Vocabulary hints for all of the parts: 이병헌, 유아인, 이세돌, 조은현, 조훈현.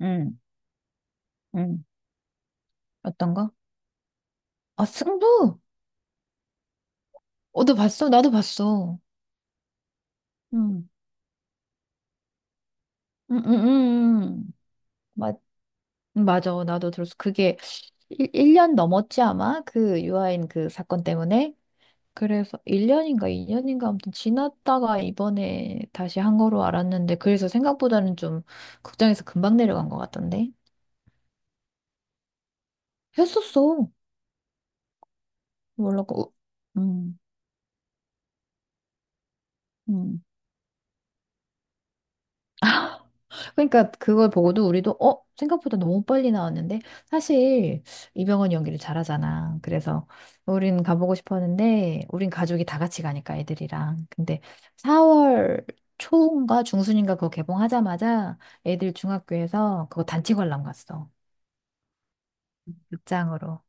응, 응, 어떤 거? 아, 승부! 어, 너 봤어? 나도 봤어. 응. 응응응응. 맞, 맞아. 나도 들었어. 그게 1년 넘었지, 아마? 그 유아인 그 사건 때문에? 그래서 1년인가 2년인가 아무튼 지났다가 이번에 다시 한 거로 알았는데, 그래서 생각보다는 좀 극장에서 금방 내려간 것 같던데? 했었어. 몰라. 고 응 응. 그러니까 그걸 보고도 우리도 어? 생각보다 너무 빨리 나왔는데 사실 이병헌 연기를 잘하잖아. 그래서 우린 가보고 싶었는데 우린 가족이 다 같이 가니까 애들이랑. 근데 4월 초인가 중순인가 그거 개봉하자마자 애들 중학교에서 그거 단체 관람 갔어. 극장으로.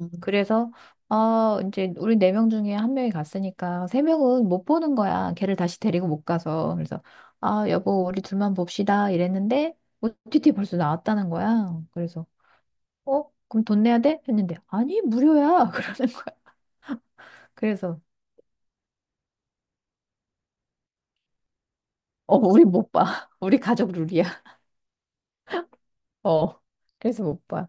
그래서 이제 우리 네 명 중에 한 명이 갔으니까 세 명은 못 보는 거야. 걔를 다시 데리고 못 가서. 그래서 아, 여보, 우리 둘만 봅시다 이랬는데 OTT 벌써 나왔다는 거야. 그래서 어? 그럼 돈 내야 돼? 했는데 아니, 무료야. 그러는 거야. 그래서 어, 우리 못 봐. 우리 가족 룰이야. 어. 그래서 못 봐.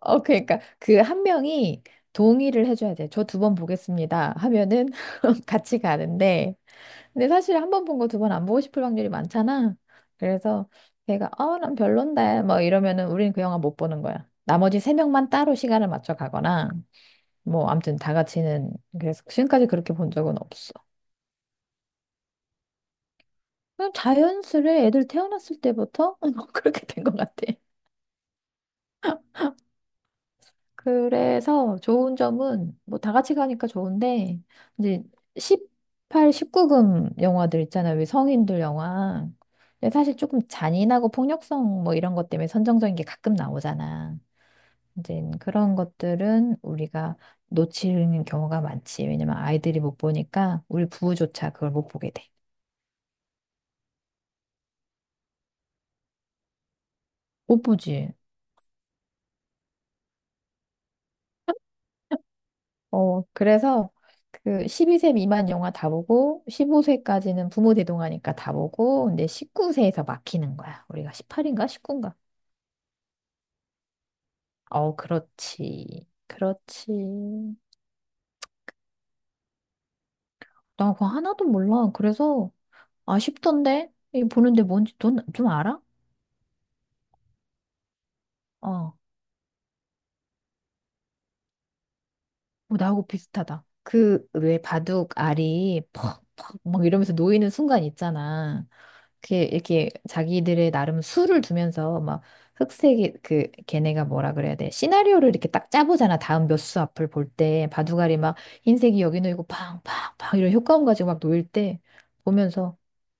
어, 그러니까 그 한 명이 동의를 해줘야 돼. 저 두 번 보겠습니다. 하면은 같이 가는데 근데 사실 한 번 본 거 두 번 안 보고 싶을 확률이 많잖아. 그래서 걔가 어, 난 별론데 뭐 이러면은 우리는 그 영화 못 보는 거야. 나머지 세 명만 따로 시간을 맞춰 가거나 뭐 아무튼 다 같이는 그래서 지금까지 그렇게 본 적은 없어. 그냥 자연스레 애들 태어났을 때부터 그렇게 된 것 같아. 그래서 좋은 점은 뭐 다 같이 가니까 좋은데 이제 18, 19금 영화들 있잖아요. 왜 성인들 영화. 근데 사실 조금 잔인하고 폭력성 뭐 이런 것 때문에 선정적인 게 가끔 나오잖아. 이제 그런 것들은 우리가 놓치는 경우가 많지. 왜냐면 아이들이 못 보니까 우리 부부조차 그걸 못 보게 돼. 못 보지. 어, 그래서 그 12세 미만 영화 다 보고 15세까지는 부모 대동하니까 다 보고 근데 19세에서 막히는 거야. 우리가 18인가 19인가? 어, 그렇지. 그렇지. 나 그거 하나도 몰라. 그래서 아쉽던데? 이 보는데 뭔지 넌 좀 알아? 어. 어, 나하고 비슷하다. 그, 왜 바둑 알이 퍽, 퍽, 막 이러면서 놓이는 순간 있잖아. 그게 이렇게 자기들의 나름 수를 두면서 막 흑색이, 그, 걔네가 뭐라 그래야 돼. 시나리오를 이렇게 딱 짜보잖아. 다음 몇 수 앞을 볼 때. 바둑 알이 막 흰색이 여기 놓이고 팡, 팡, 팡 이런 효과음 가지고 막 놓일 때 보면서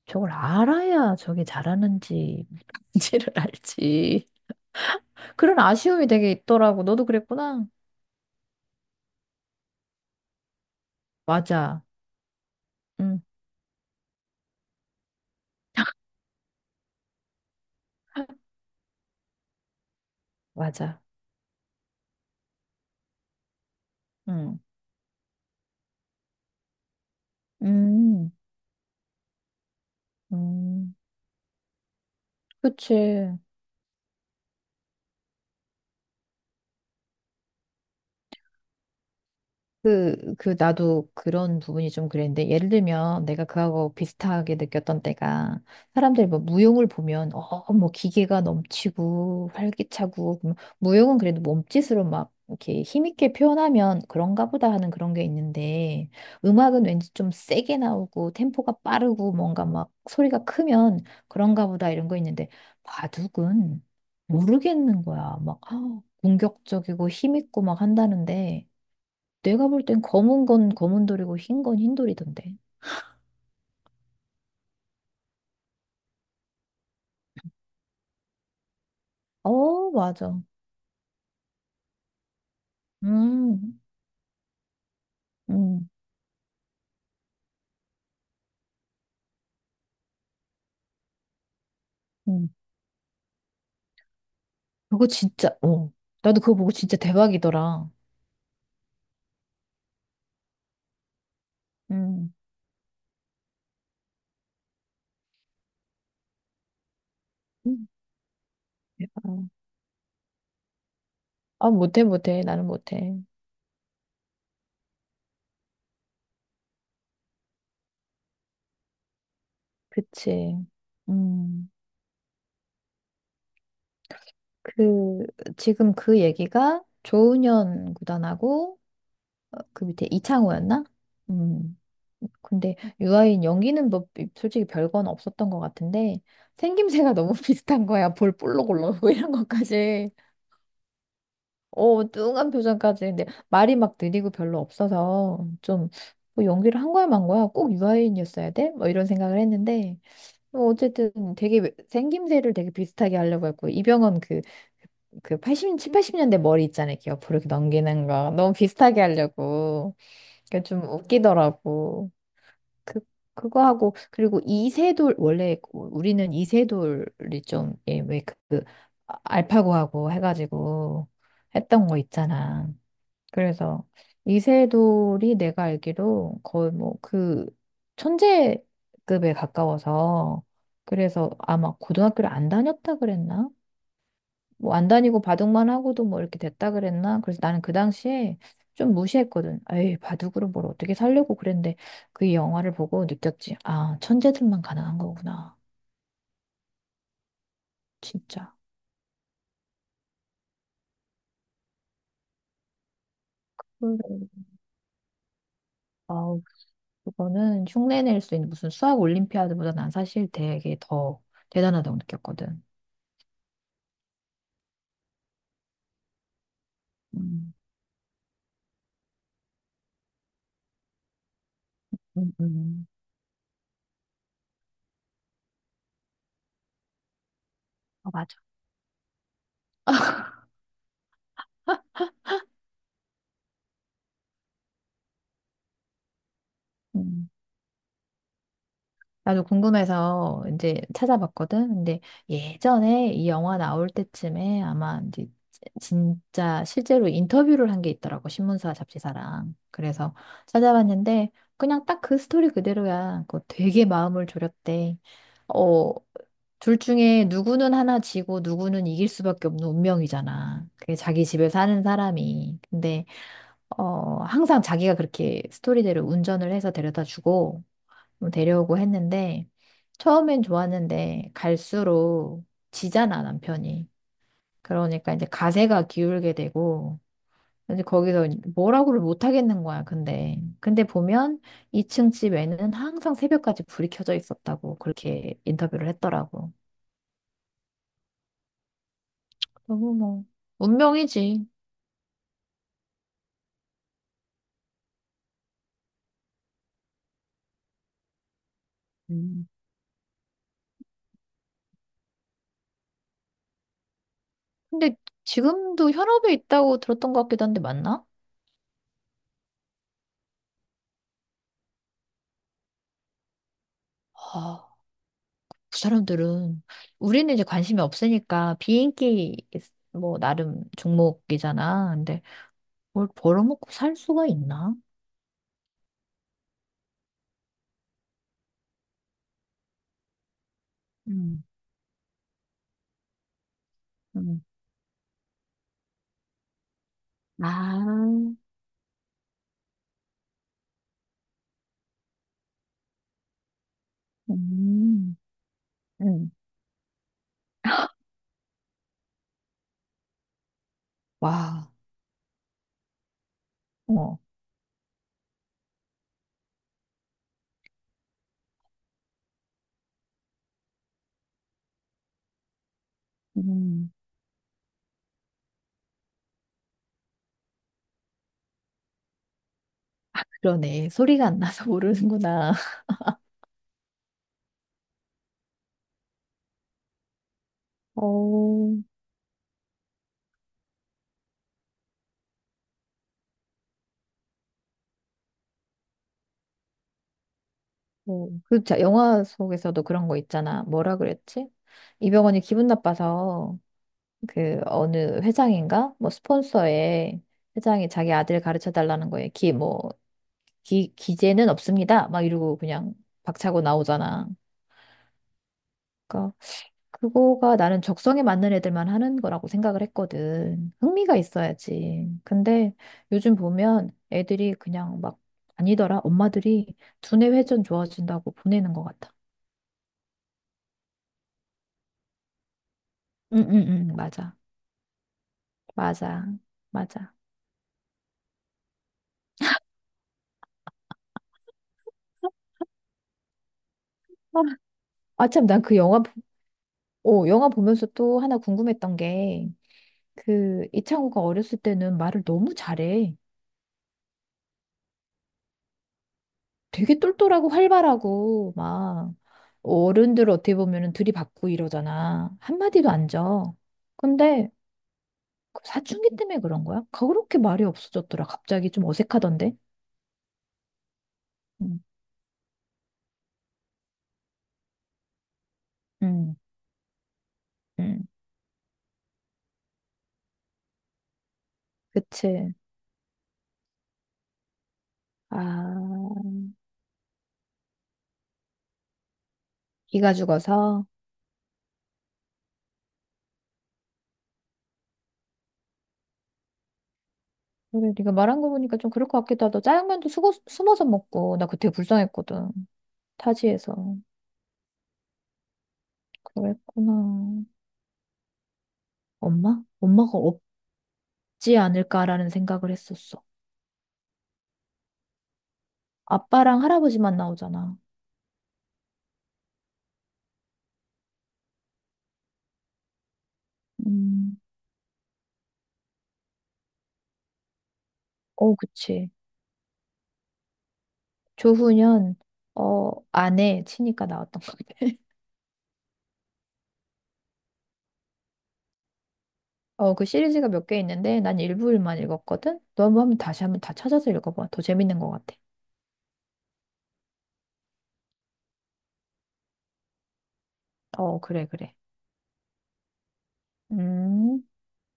저걸 알아야 저게 잘하는지, 뭔지를 알지. 그런 아쉬움이 되게 있더라고. 너도 그랬구나. 맞아. 응, 맞아. 응. 음, 음, 그치. 그, 그, 나도 그런 부분이 좀 그랬는데, 예를 들면 내가 그하고 비슷하게 느꼈던 때가, 사람들이 뭐 무용을 보면, 어, 뭐 기계가 넘치고, 활기차고, 그럼 무용은 그래도 몸짓으로 막 이렇게 힘있게 표현하면 그런가 보다 하는 그런 게 있는데, 음악은 왠지 좀 세게 나오고, 템포가 빠르고, 뭔가 막 소리가 크면 그런가 보다 이런 거 있는데, 바둑은 모르겠는 거야. 막, 아, 공격적이고 힘있고 막 한다는데, 내가 볼 땐 검은 건 검은 돌이고 흰 건 흰 돌이던데. 어, 맞아. 음, 음, 음. 그거 진짜, 어. 나도 그거 보고 진짜 대박이더라. 음, 음, 대박. 아, 못해, 못해. 나는 못해. 그치. 음, 그, 지금 그 얘기가 조은현 구단하고, 어, 그 밑에 이창호였나? 음. 근데 유아인 연기는 뭐 솔직히 별건 없었던 것 같은데 생김새가 너무 비슷한 거야. 볼 볼록 올라오고 이런 것까지. 어, 뚱한 표정까지. 근데 말이 막 느리고 별로 없어서 좀뭐 연기를 한 거야 만 거야. 꼭 유아인이었어야 돼? 뭐 이런 생각을 했는데 뭐 어쨌든 되게 생김새를 되게 비슷하게 하려고 했고 이병헌 그 칠 80년대 머리 있잖아요. 이렇게 옆으로 이렇게 넘기는 거 너무 비슷하게 하려고. 그게 좀 웃기더라고. 그, 그거 하고, 그리고 이세돌, 원래 우리는 이세돌이 좀, 예, 왜 그, 알파고하고 해가지고 했던 거 있잖아. 그래서 이세돌이 내가 알기로 거의 뭐 그 천재급에 가까워서, 그래서 아마 고등학교를 안 다녔다 그랬나? 뭐 안 다니고 바둑만 하고도 뭐 이렇게 됐다 그랬나? 그래서 나는 그 당시에 좀 무시했거든. 에이, 바둑으로 뭘 어떻게 살려고 그랬는데 그 영화를 보고 느꼈지. 아, 천재들만 가능한 거구나. 진짜. 음. 아우, 그거는 흉내낼 수 있는 무슨 수학 올림피아드보다 난 사실 되게 더 대단하다고 느꼈거든. 음, 음, 음. 어, 맞아. 음. 나도 궁금해서 이제 찾아봤거든. 근데 예전에 이 영화 나올 때쯤에 아마 이제 진짜 실제로 인터뷰를 한 게 있더라고. 신문사 잡지사랑. 그래서 찾아봤는데 그냥 딱 그 스토리 그대로야. 그거 되게 마음을 졸였대. 어, 둘 중에 누구는 하나 지고 누구는 이길 수밖에 없는 운명이잖아. 그게 자기 집에 사는 사람이. 근데 어, 항상 자기가 그렇게 스토리대로 운전을 해서 데려다 주고, 뭐 데려오고 했는데 처음엔 좋았는데 갈수록 지잖아 남편이. 그러니까 이제 가세가 기울게 되고 이제 거기서 뭐라고를 못 하겠는 거야. 근데 보면 2층 집에는 항상 새벽까지 불이 켜져 있었다고 그렇게 인터뷰를 했더라고. 너무 뭐 운명이지. 음. 근데 지금도 현업에 있다고 들었던 것 같기도 한데 맞나? 아, 그 사람들은 우리는 이제 관심이 없으니까 비인기 뭐 나름 종목이잖아. 근데 뭘 벌어먹고 살 수가 있나? 음, 음. 아, 음, 음, 와, 어, 음. 그러네. 소리가 안 나서 모르는구나. 어, 어, 그 영화 속에서도 그런 거 있잖아. 뭐라 그랬지? 이병헌이 기분 나빠서 그 어느 회장인가? 뭐 스폰서에 회장이 자기 아들 가르쳐 달라는 거에 기재는 없습니다. 막 이러고 그냥 박차고 나오잖아. 그러니까 그거가 나는 적성에 맞는 애들만 하는 거라고 생각을 했거든. 흥미가 있어야지. 근데 요즘 보면 애들이 그냥 막 아니더라. 엄마들이 두뇌 회전 좋아진다고 보내는 것 같아. 응응응 맞아. 맞아. 맞아. 아, 참, 난 그 영화, 영화 보면서 또 하나 궁금했던 게, 그, 이창호가 어렸을 때는 말을 너무 잘해. 되게 똘똘하고 활발하고 막 어른들 어떻게 보면은 들이받고 이러잖아. 한마디도 안 져. 근데 그 사춘기 때문에 그런 거야? 그렇게 말이 없어졌더라. 갑자기 좀 어색하던데. 음, 음, 음. 그치. 아, 이가 죽어서. 그래, 네가 말한 거 보니까 좀 그럴 것 같기도 하다. 짜장면도 숨어서 먹고 나 그때 불쌍했거든. 타지에서. 그랬구나. 엄마? 엄마가 없지 않을까라는 생각을 했었어. 아빠랑 할아버지만 나오잖아. 음, 어, 그치. 조훈현, 어, 아내 치니까 나왔던 것 같아. 어, 그 시리즈가 몇 개 있는데 난 일부일만 읽었거든? 너 한번 다시 한번 다 찾아서 읽어봐. 더 재밌는 것 같아. 어, 그래, 그래. 음.